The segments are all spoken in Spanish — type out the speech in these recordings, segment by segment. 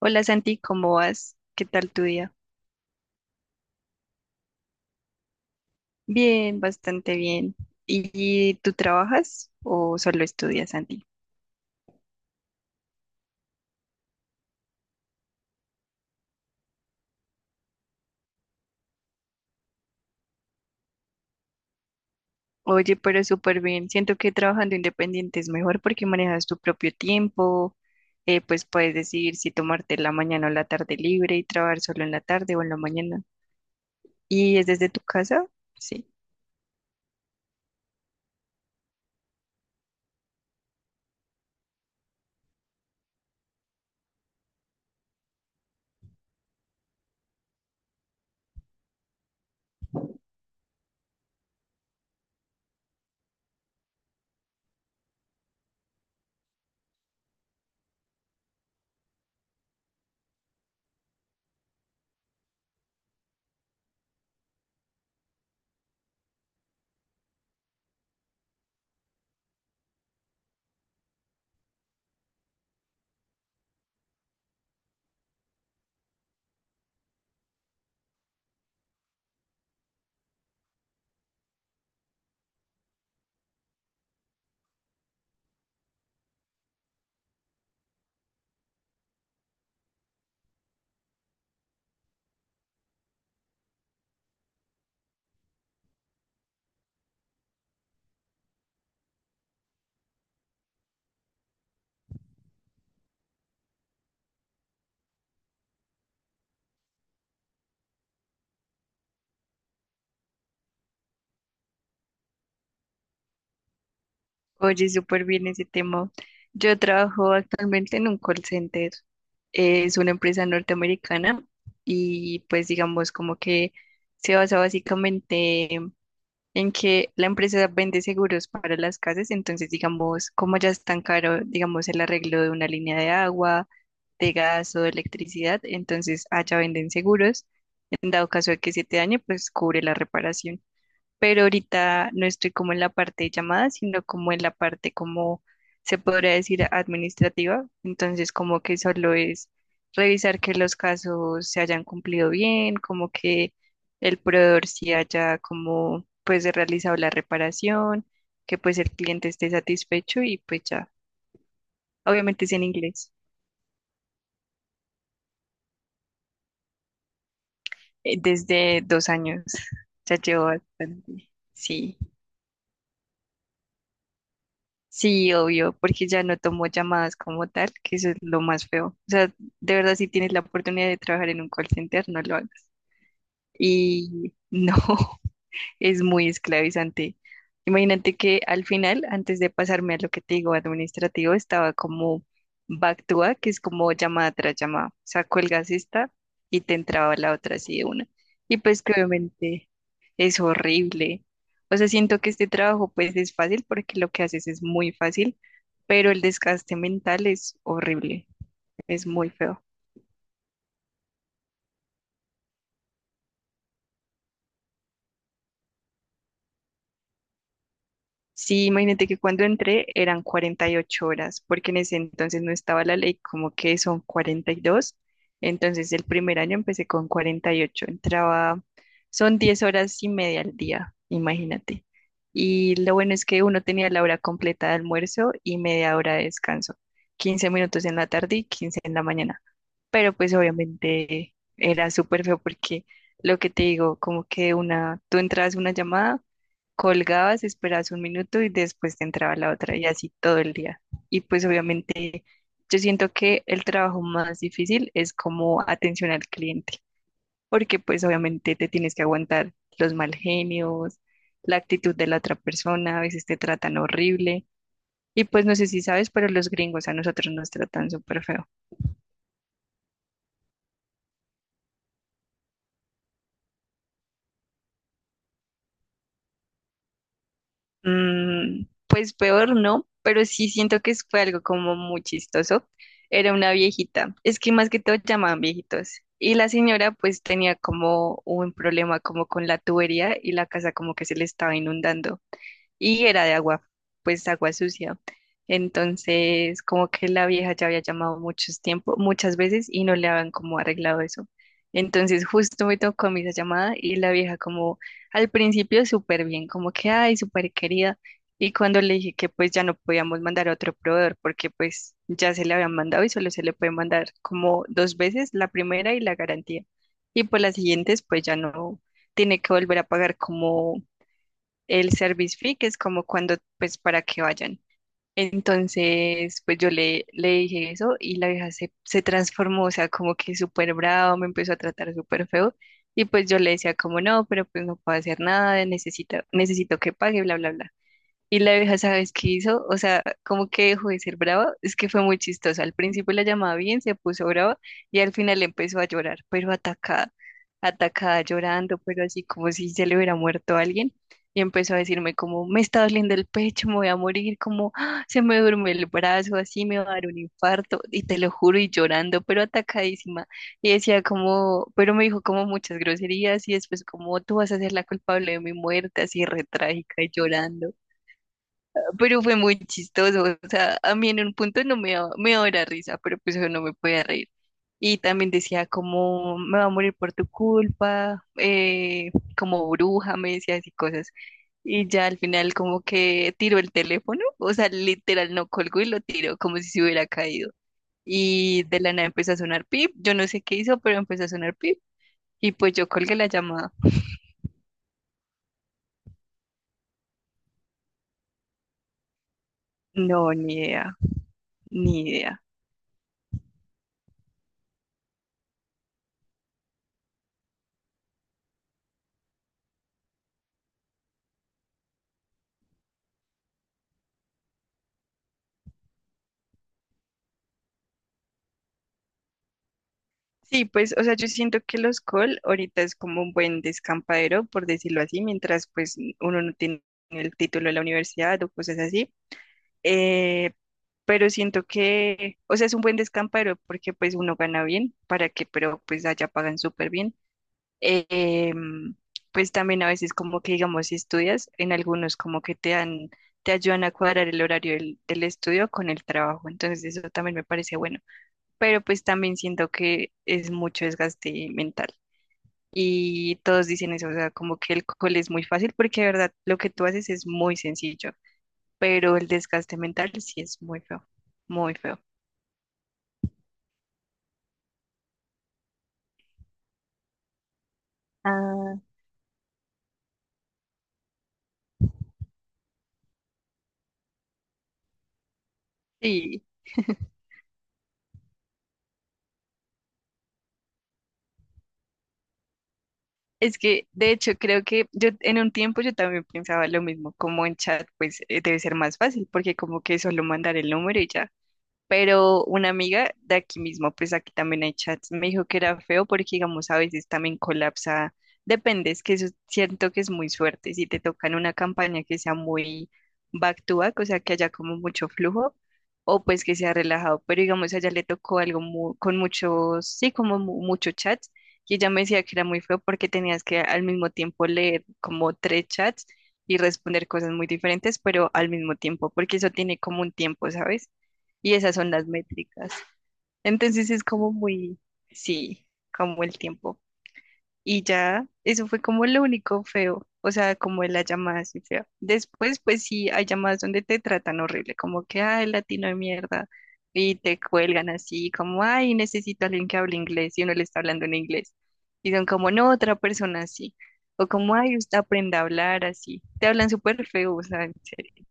Hola Santi, ¿cómo vas? ¿Qué tal tu día? Bien, bastante bien. ¿Y tú trabajas o solo estudias, Santi? Oye, pero súper bien. Siento que trabajando independiente es mejor porque manejas tu propio tiempo, pues puedes decidir si tomarte la mañana o la tarde libre y trabajar solo en la tarde o en la mañana. ¿Y es desde tu casa? Sí. Oye, súper bien ese tema. Yo trabajo actualmente en un call center. Es una empresa norteamericana y pues digamos como que se basa básicamente en que la empresa vende seguros para las casas. Entonces, digamos, como ya es tan caro, digamos, el arreglo de una línea de agua, de gas o de electricidad, entonces allá venden seguros. En dado caso de que se te dañe, pues cubre la reparación, pero ahorita no estoy como en la parte de llamadas, sino como en la parte como se podría decir administrativa. Entonces, como que solo es revisar que los casos se hayan cumplido bien, como que el proveedor sí haya como pues realizado la reparación, que pues el cliente esté satisfecho y pues ya. Obviamente es en inglés. Desde 2 años ya llevo bastante. Sí. Sí, obvio, porque ya no tomo llamadas como tal, que eso es lo más feo. O sea, de verdad, si tienes la oportunidad de trabajar en un call center, no lo hagas. Y no, es muy esclavizante. Imagínate que al final, antes de pasarme a lo que te digo administrativo, estaba como back to back, que es como llamada tras llamada. O sea, cuelgas esta y te entraba la otra así de una. Y pues que obviamente es horrible. O sea, siento que este trabajo pues es fácil porque lo que haces es muy fácil, pero el desgaste mental es horrible, es muy feo. Sí, imagínate que cuando entré eran 48 horas, porque en ese entonces no estaba la ley como que son 42. Entonces el primer año empecé con 48. Entraba, son 10 horas y media al día, imagínate. Y lo bueno es que uno tenía la hora completa de almuerzo y media hora de descanso. 15 minutos en la tarde y 15 en la mañana, pero pues obviamente era súper feo porque lo que te digo, como que una, tú entrabas una llamada, colgabas, esperabas un minuto y después te entraba la otra y así todo el día. Y pues obviamente yo siento que el trabajo más difícil es como atención al cliente, porque pues obviamente te tienes que aguantar los mal genios, la actitud de la otra persona, a veces te tratan horrible. Y pues no sé si sabes, pero los gringos a nosotros nos tratan súper feo. Pues peor no, pero sí siento que fue algo como muy chistoso. Era una viejita, es que más que todo llamaban viejitos. Y la señora pues tenía como un problema como con la tubería y la casa como que se le estaba inundando y era de agua, pues agua sucia. Entonces, como que la vieja ya había llamado muchos tiempo, muchas veces y no le habían como arreglado eso. Entonces, justo me tocó a mí esa llamada y la vieja como al principio súper bien, como que, ay, súper querida. Y cuando le dije que pues ya no podíamos mandar a otro proveedor porque pues ya se le habían mandado y solo se le puede mandar como dos veces, la primera y la garantía. Y por las siguientes pues ya no tiene que volver a pagar como el service fee, que es como cuando, pues, para que vayan. Entonces, pues yo le dije eso y la vieja se transformó, o sea, como que súper bravo, me empezó a tratar súper feo. Y pues yo le decía como no, pero pues no puedo hacer nada, necesito que pague, bla, bla, bla. Y la vieja, ¿sabes qué hizo? O sea, como que dejó de ser brava. Es que fue muy chistosa. Al principio la llamaba bien, se puso brava y al final empezó a llorar, pero atacada, atacada, llorando, pero así como si se le hubiera muerto alguien. Y empezó a decirme como, me está doliendo el pecho, me voy a morir, como "Ah, se me duerme el brazo, así me va a dar un infarto. Y te lo juro, y llorando, pero atacadísima. Y decía como, pero me dijo como muchas groserías y después como, tú vas a ser la culpable de mi muerte, así re trágica y llorando. Pero fue muy chistoso, o sea, a mí en un punto no me daba, me daba la risa, pero pues yo no me podía reír. Y también decía como, me va a morir por tu culpa, como bruja, me decía así cosas. Y ya al final como que tiró el teléfono, o sea, literal no colgó y lo tiró como si se hubiera caído. Y de la nada empezó a sonar pip, yo no sé qué hizo, pero empezó a sonar pip. Y pues yo colgué la llamada. No, ni idea, ni idea. Sí, pues, o sea, yo siento que los call ahorita es como un buen descampadero, por decirlo así, mientras pues uno no tiene el título de la universidad o cosas así. Eh, pero siento que, o sea, es un buen descampadero porque pues uno gana bien, para que, pero pues allá pagan súper bien. Eh, em, pues también a veces como que, digamos, si estudias, en algunos como que te dan, te ayudan a cuadrar el horario del estudio con el trabajo. Entonces eso también me parece bueno, pero pues también siento que es mucho desgaste mental. Y todos dicen eso, o sea, como que el cole es muy fácil porque de verdad lo que tú haces es muy sencillo, pero el desgaste mental sí es muy feo, muy feo. Ah, sí, es que de hecho creo que yo en un tiempo yo también pensaba lo mismo, como en chat pues debe ser más fácil porque como que solo mandar el número y ya. Pero una amiga de aquí mismo, pues aquí también hay chats, me dijo que era feo porque, digamos, a veces también colapsa. Depende, es que eso siento que es muy suerte. Si te toca en una campaña que sea muy back to back, o sea, que haya como mucho flujo, o pues que sea relajado. Pero, digamos, a ella le tocó algo con muchos, sí, como muchos chats, y ella me decía que era muy feo porque tenías que al mismo tiempo leer como tres chats y responder cosas muy diferentes, pero al mismo tiempo, porque eso tiene como un tiempo, ¿sabes? Y esas son las métricas. Entonces es como muy, sí, como el tiempo. Y ya, eso fue como lo único feo, o sea, como la llamada así fea. Después, pues sí, hay llamadas donde te tratan horrible, como que, ay, latino de mierda, y te cuelgan así, como, ay, necesito a alguien que hable inglés, y uno le está hablando en inglés. Y son como, no, otra persona así. O como, ay, usted aprenda a hablar así. Te hablan súper feo, o sea, en serio.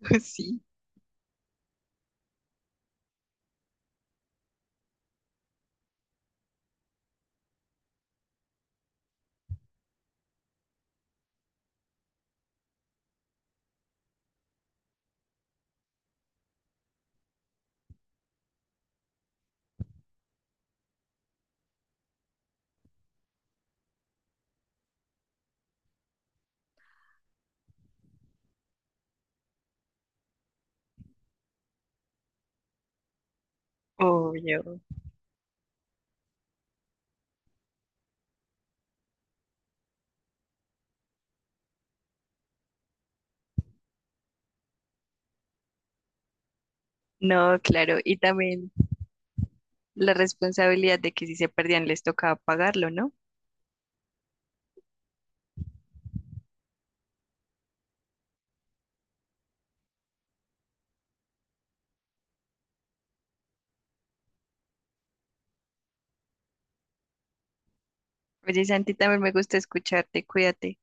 Sí, obvio. No, claro. Y también la responsabilidad de que si se perdían les tocaba pagarlo, ¿no? Oye, Santi, también me gusta escucharte, cuídate.